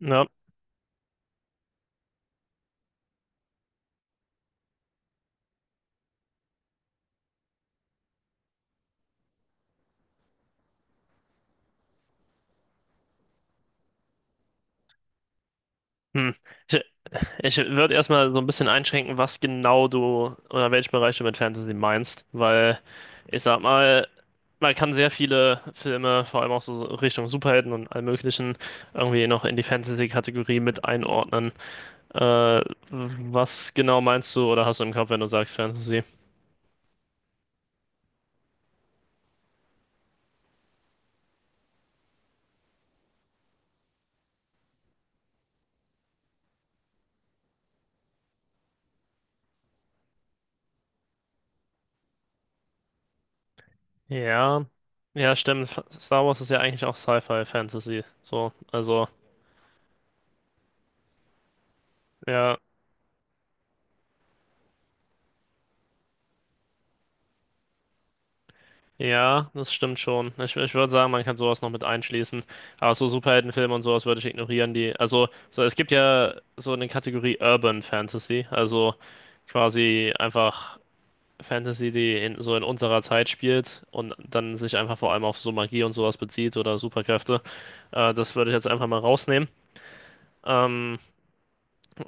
Ja. Hm. Ich, ich würde erstmal so ein bisschen einschränken, was genau du oder welchen Bereich du mit Fantasy meinst, weil ich sag mal, man kann sehr viele Filme, vor allem auch so Richtung Superhelden und allem Möglichen, irgendwie noch in die Fantasy-Kategorie mit einordnen. Äh, Was genau meinst du oder hast du im Kopf, wenn du sagst Fantasy? Ja, ja, stimmt. Star Wars ist ja eigentlich auch Sci-Fi-Fantasy. So, also, ja. Ja, das stimmt schon. Ich würde sagen, man kann sowas noch mit einschließen. Aber so Superheldenfilme und sowas würde ich ignorieren, die. Also, so, es gibt ja so eine Kategorie Urban Fantasy, also quasi einfach Fantasy, die in, so in unserer Zeit spielt und dann sich einfach vor allem auf so Magie und sowas bezieht oder Superkräfte. Das würde ich jetzt einfach mal rausnehmen. Ähm,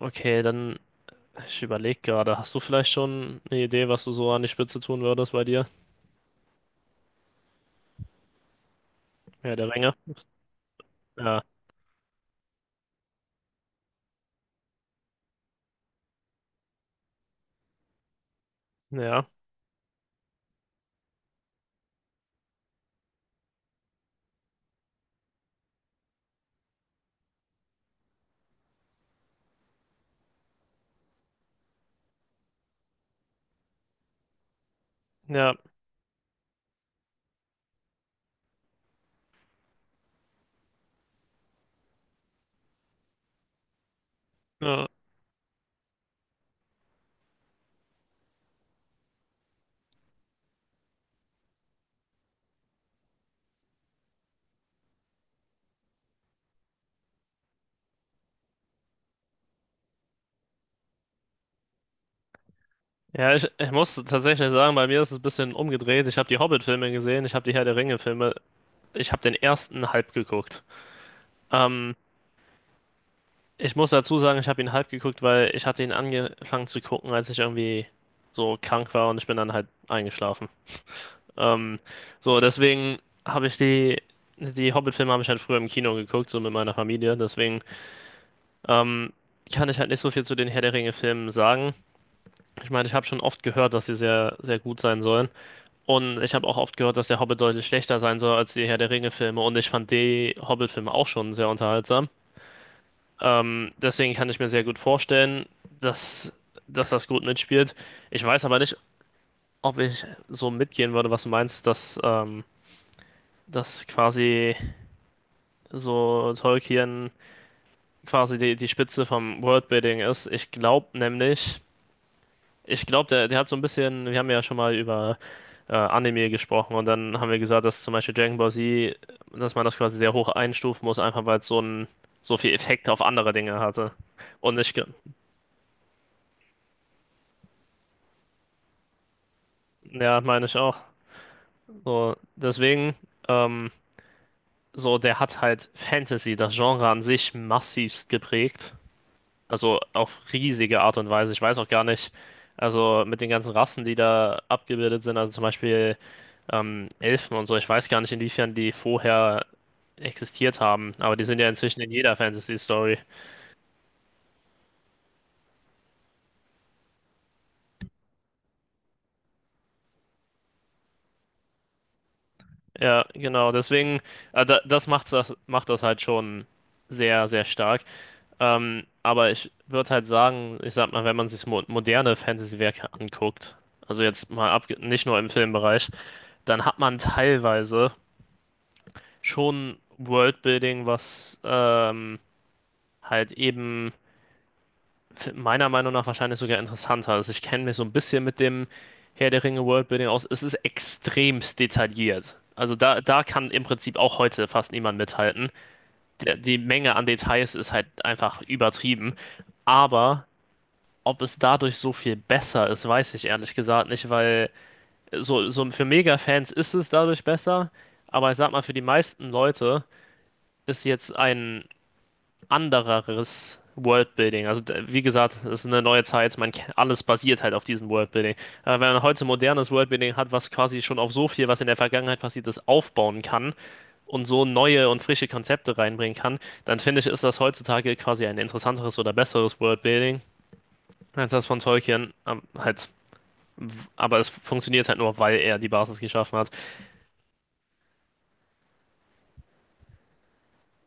okay, dann, ich überlege gerade, hast du vielleicht schon eine Idee, was du so an die Spitze tun würdest bei dir? Ja, der Ringe. Ja, ja, ja. Ja. Ja, ich muss tatsächlich sagen, bei mir ist es ein bisschen umgedreht. Ich habe die Hobbit-Filme gesehen, ich habe die Herr der Ringe-Filme, ich habe den ersten halb geguckt. Ähm, Ich muss dazu sagen, ich habe ihn halb geguckt, weil ich hatte ihn angefangen zu gucken, als ich irgendwie so krank war und ich bin dann halt eingeschlafen. Ähm, so, deswegen habe ich die, die Hobbit-Filme habe ich halt früher im Kino geguckt, so mit meiner Familie. Deswegen ähm, kann ich halt nicht so viel zu den Herr der Ringe-Filmen sagen. Ich meine, ich habe schon oft gehört, dass sie sehr, sehr gut sein sollen. Und ich habe auch oft gehört, dass der Hobbit deutlich schlechter sein soll als die Herr der Ringe-Filme. Und ich fand die Hobbit-Filme auch schon sehr unterhaltsam. Deswegen kann ich mir sehr gut vorstellen, dass, dass das gut mitspielt. Ich weiß aber nicht, ob ich so mitgehen würde, was du meinst, dass, dass quasi so Tolkien quasi die, die Spitze vom Worldbuilding ist. Ich glaube nämlich, ich glaube, der hat so ein bisschen, wir haben ja schon mal über Anime gesprochen und dann haben wir gesagt, dass zum Beispiel Dragon Ball Z, dass man das quasi sehr hoch einstufen muss, einfach weil es so ein, so viel Effekt auf andere Dinge hatte. Und ich, ge- ja, meine ich auch. So, deswegen, ähm, so, der hat halt Fantasy, das Genre an sich, massivst geprägt. Also auf riesige Art und Weise. Ich weiß auch gar nicht, also mit den ganzen Rassen, die da abgebildet sind, also zum Beispiel Elfen und so, ich weiß gar nicht, inwiefern die vorher existiert haben, aber die sind ja inzwischen in jeder Fantasy-Story. Ja, genau, deswegen, das macht das, macht das halt schon sehr, sehr stark. Aber ich würde halt sagen, ich sag mal, wenn man sich mo moderne Fantasy-Werke anguckt, also jetzt mal ab, nicht nur im Filmbereich, dann hat man teilweise schon Worldbuilding, was halt eben meiner Meinung nach wahrscheinlich sogar interessanter ist. Ich kenne mich so ein bisschen mit dem Herr der Ringe Worldbuilding aus. Es ist extremst detailliert. Also da, da kann im Prinzip auch heute fast niemand mithalten. Der, die Menge an Details ist halt einfach übertrieben. Aber ob es dadurch so viel besser ist, weiß ich ehrlich gesagt nicht, weil so, so für Mega-Fans ist es dadurch besser. Aber ich sag mal, für die meisten Leute ist jetzt ein andereres Worldbuilding. Wie gesagt, es ist eine neue Zeit, alles basiert halt auf diesem Worldbuilding. Aber wenn man heute modernes Worldbuilding hat, was quasi schon auf so viel, was in der Vergangenheit passiert ist, aufbauen kann und so neue und frische Konzepte reinbringen kann, dann finde ich, ist das heutzutage quasi ein interessanteres oder besseres Worldbuilding als das von Tolkien. W- aber es funktioniert halt nur, weil er die Basis geschaffen hat.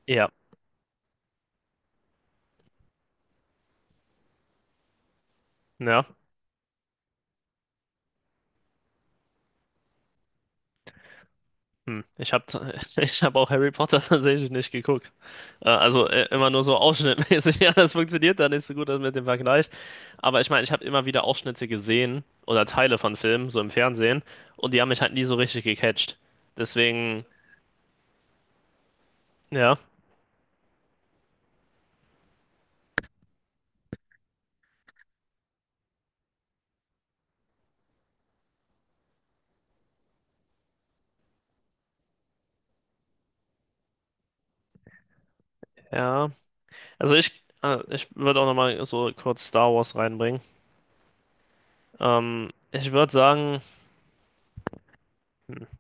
Ja, ja. Hm. Ich habe ich hab auch Harry Potter tatsächlich nicht geguckt. Also immer nur so ausschnittmäßig. Ja, das funktioniert dann nicht so gut das mit dem Vergleich. Aber ich meine, ich habe immer wieder Ausschnitte gesehen oder Teile von Filmen, so im Fernsehen, und die haben mich halt nie so richtig gecatcht. Deswegen, ja, ja. Also ich würde auch nochmal so kurz Star Wars reinbringen. Ich würde sagen, hm,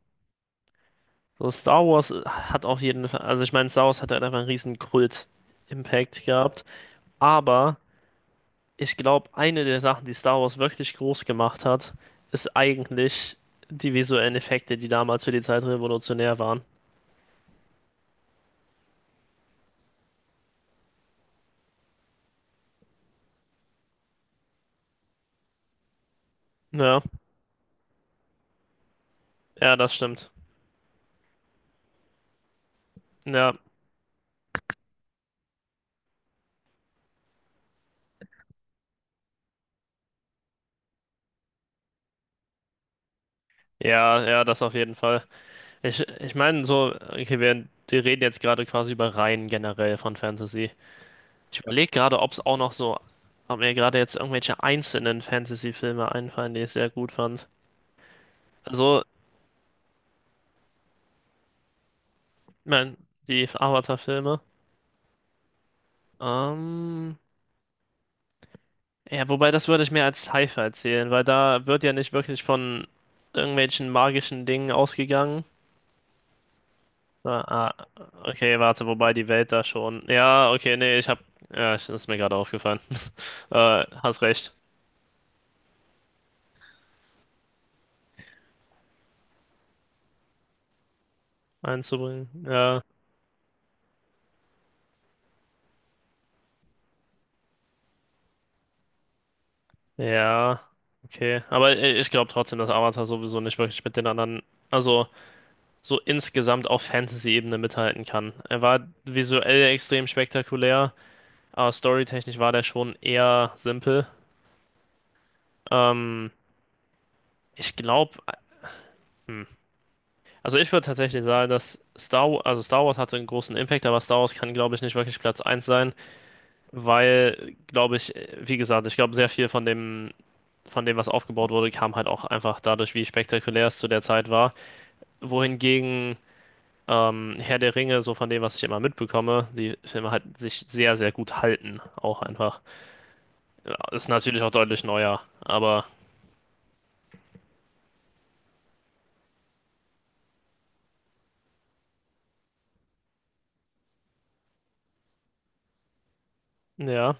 so Star Wars hat auf jeden Fall, also ich meine, Star Wars hat halt einfach einen riesen Kult-Impact gehabt. Aber ich glaube, eine der Sachen, die Star Wars wirklich groß gemacht hat, ist eigentlich die visuellen Effekte, die damals für die Zeit revolutionär waren. Ja, ja, das stimmt. Ja, ja, ja, das auf jeden Fall. Ich meine, so, okay, wir reden jetzt gerade quasi über Reihen generell von Fantasy. Ich überlege gerade, ob es auch noch so, ob mir gerade jetzt irgendwelche einzelnen Fantasy-Filme einfallen, die ich sehr gut fand. Also, ich meine, die Avatar-Filme. Ähm, Ja, wobei das würde ich mir als Sci-Fi erzählen, weil da wird ja nicht wirklich von irgendwelchen magischen Dingen ausgegangen. Ah, ah, okay, warte, wobei die Welt da schon. Ja, okay, nee, ich hab. Ja, das ist mir gerade aufgefallen. Hast recht, einzubringen. Ja, ja, okay. Ich glaube trotzdem, dass Avatar sowieso nicht wirklich mit den anderen, also so insgesamt auf Fantasy-Ebene mithalten kann. Er war visuell extrem spektakulär, aber storytechnisch war der schon eher simpel. Ähm. Ich glaube, also ich würde tatsächlich sagen, dass Star Wars, also Star Wars hatte einen großen Impact, aber Star Wars kann, glaube ich, nicht wirklich Platz eins sein, weil, glaube ich, wie gesagt, ich glaube, sehr viel von dem, was aufgebaut wurde, kam halt auch einfach dadurch, wie spektakulär es zu der Zeit war. Wohingegen Herr der Ringe, so von dem, was ich immer mitbekomme, die Filme halt sich sehr, sehr gut halten, auch einfach. Ja, ist natürlich auch deutlich neuer, aber ja.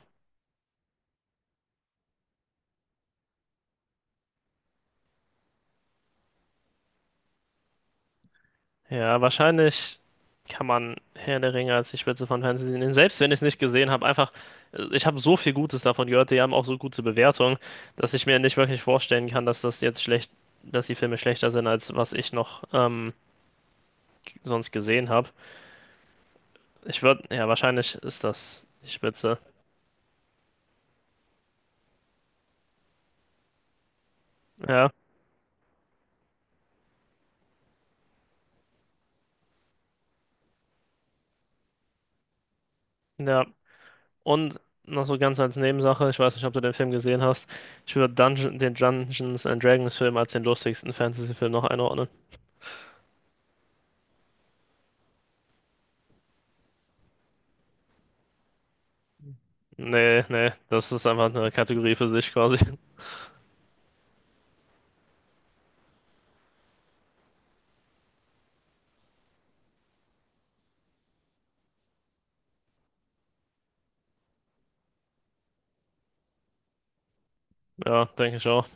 Ja, wahrscheinlich kann man Herr der Ringe als die Spitze von Fantasy nehmen. Selbst wenn ich es nicht gesehen habe, einfach, ich habe so viel Gutes davon gehört, die haben auch so gute Bewertungen, dass ich mir nicht wirklich vorstellen kann, dass das jetzt schlecht, dass die Filme schlechter sind, als was ich noch sonst gesehen habe. Ich würde, ja, wahrscheinlich ist das die Spitze. Ja, ja. Und noch so ganz als Nebensache, ich weiß nicht, ob du den Film gesehen hast, ich würde den Dungeons and Dragons Film als den lustigsten Fantasy-Film noch einordnen. Nee, nee, das ist einfach eine Kategorie für sich quasi. Ja, denke ich auch.